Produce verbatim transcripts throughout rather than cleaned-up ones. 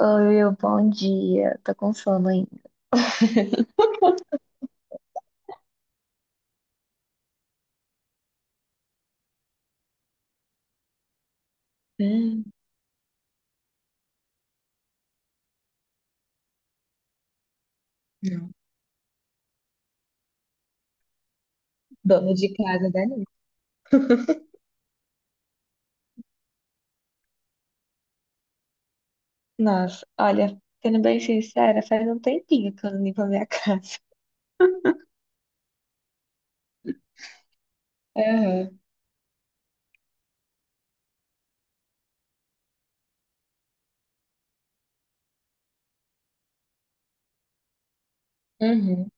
Oi, bom dia. Tô com sono ainda. Hum, não. Dona de casa da Anitta. Nossa, olha, sendo bem sincera, faz um tempinho que eu não limpo a minha casa. Aham, uhum.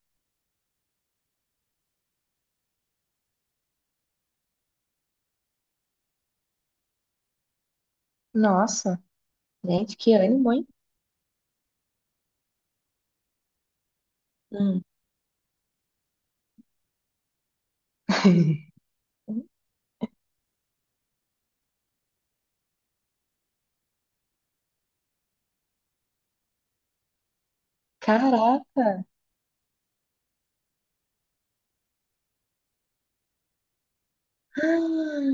Nossa, gente, que ânimo, hein? Hum. Caraca! Ah,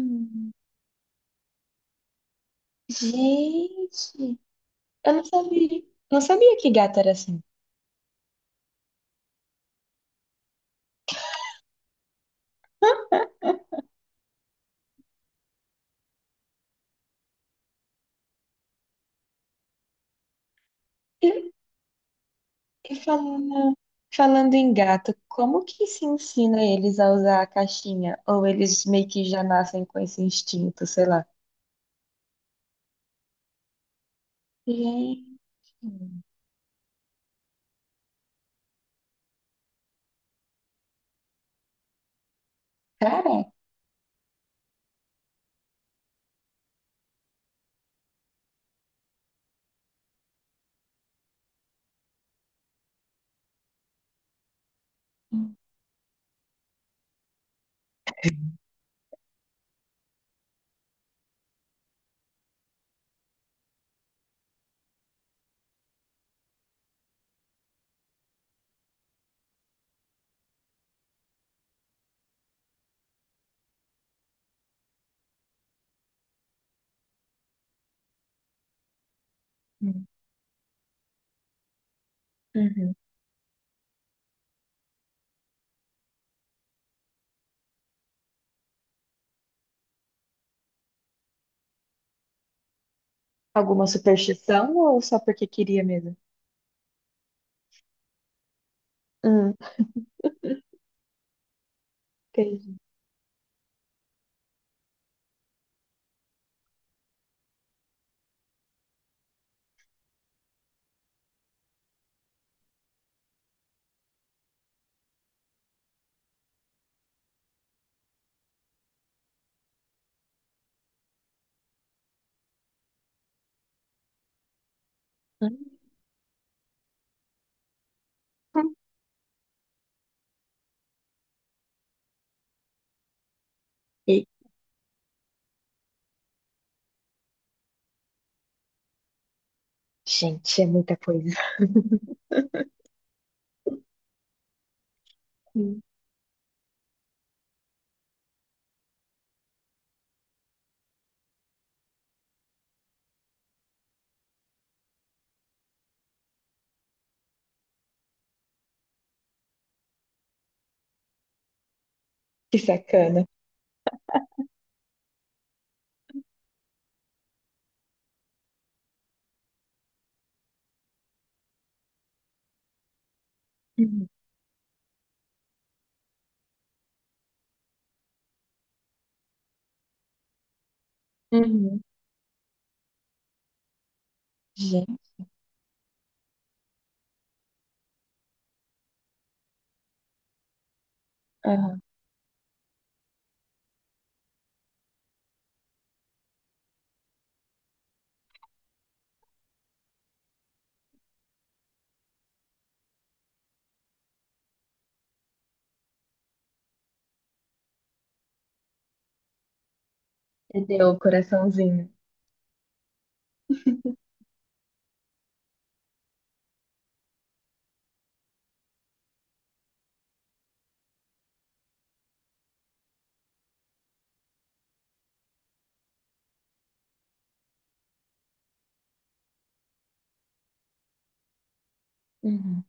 gente, eu não sabia. Não sabia que gato era assim. E falando, falando em gato, como que se ensina eles a usar a caixinha? Ou eles meio que já nascem com esse instinto, sei lá? Gente, cara. Uhum. Uhum. Alguma superstição ou só porque queria mesmo? Hum, entendi. Uhum. E, gente, é muita coisa. Hum. Que sacana. Uhum. Uhum. Gente, aham. Entendeu o coraçãozinho. Uhum.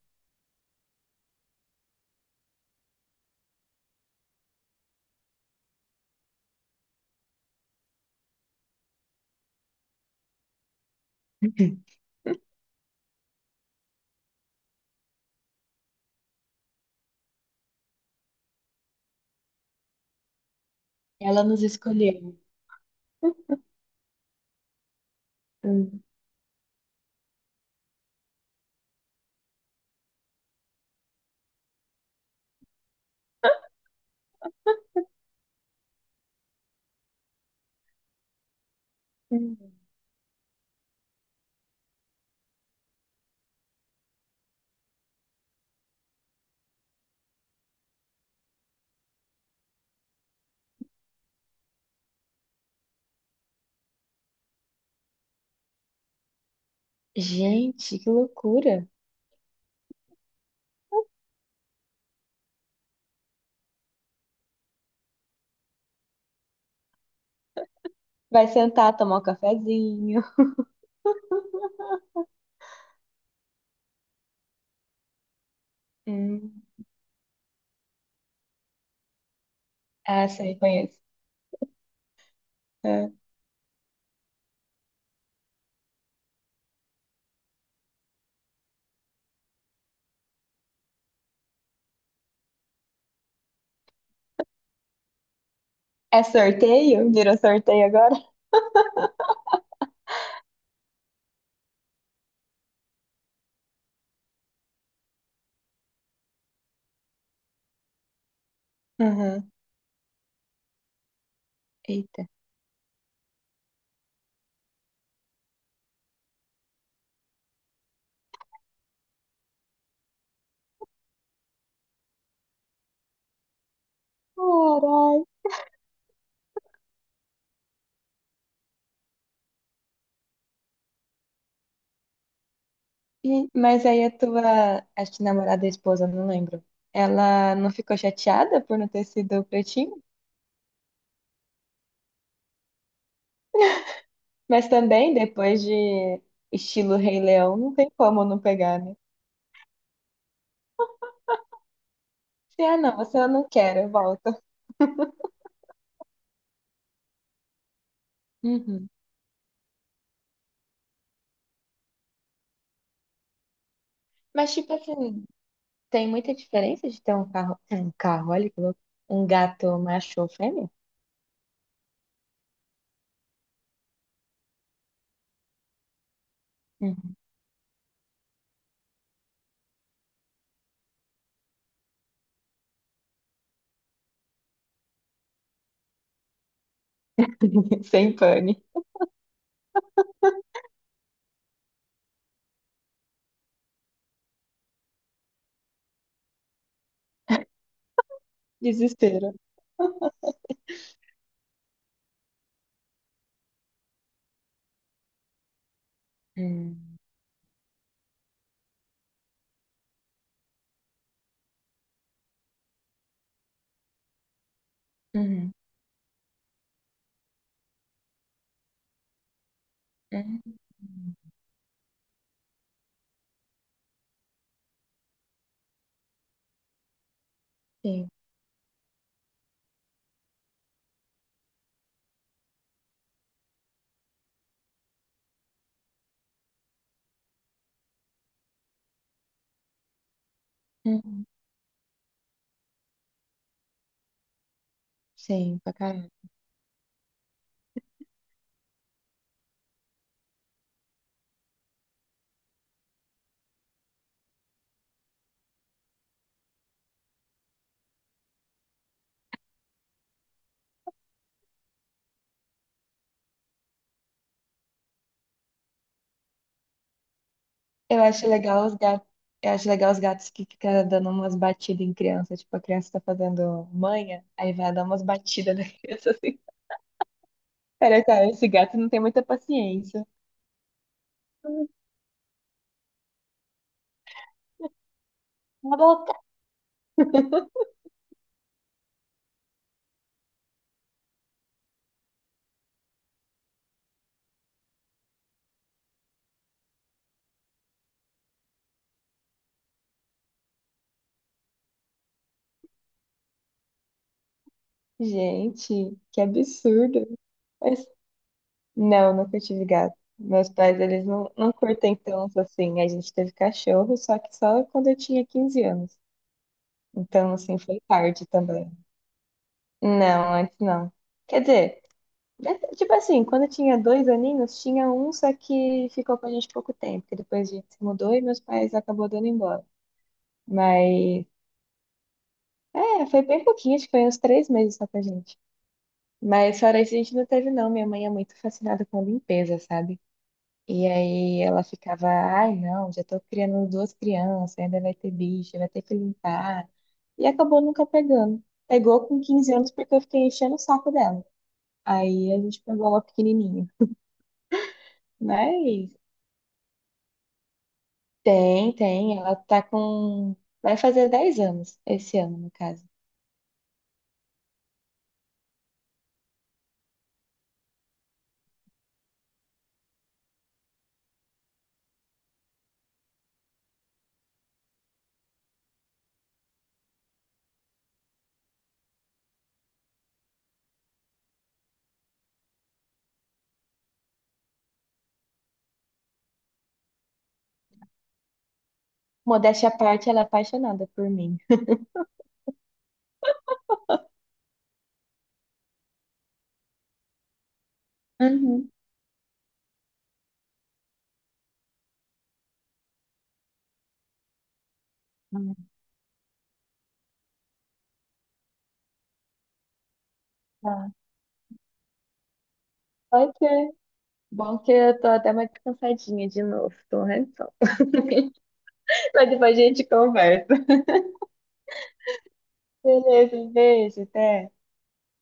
Ela nos escolheu. Uhum. Gente, que loucura. Vai sentar, tomar um cafezinho. Hum. Ah, sei, conheço. É. É sorteio? Virou sorteio agora? Uhum. Eita. Caralho. E- mas aí a tua, acho que namorada e esposa, não lembro. Ela não ficou chateada por não ter sido pretinho? Mas também, depois de estilo Rei Leão, não tem como não pegar, né? Se, ah, não, você eu não quero, eu volto. Uhum. Mas, tipo assim, tem muita diferença de ter um carro, um carro, olha que louco, um gato macho ou fêmea? Uhum. Sem pane. Desespero. Hum, uhum, uhum, sim, uhum, sim, pra caralho. Eu acho legal os gatos, eu acho legal os gatos que ficam dando umas batidas em criança, tipo, a criança tá fazendo manha, aí vai dar umas batidas na criança assim. Cara, cara, esse gato não tem muita paciência. Cala a boca. Gente, que absurdo. Não, nunca tive gato. Meus pais, eles não, não curtem tanto assim. A gente teve cachorro, só que só quando eu tinha quinze anos. Então, assim, foi tarde também. Não, antes não. Quer dizer, né, tipo assim, quando eu tinha dois aninhos, tinha um só que ficou com a gente pouco tempo, que depois a gente se mudou e meus pais acabou dando embora. Mas, é, foi bem pouquinho, acho que foi uns três meses só com a gente. Mas fora isso, a gente não teve, não. Minha mãe é muito fascinada com limpeza, sabe? E aí ela ficava, ai não, já tô criando duas crianças, ainda vai ter bicho, vai ter que limpar. E acabou nunca pegando. Pegou com quinze anos porque eu fiquei enchendo o saco dela. Aí a gente pegou ela pequenininha. Mas tem, tem, ela tá com... Vai fazer dez anos esse ano, no caso. Modéstia à parte, ela é apaixonada por mim. Uhum. Hum. Tá. Pode ser. Bom que eu tô até mais cansadinha de novo, tô rezando. Mas depois a gente conversa. Beleza, um beijo, até.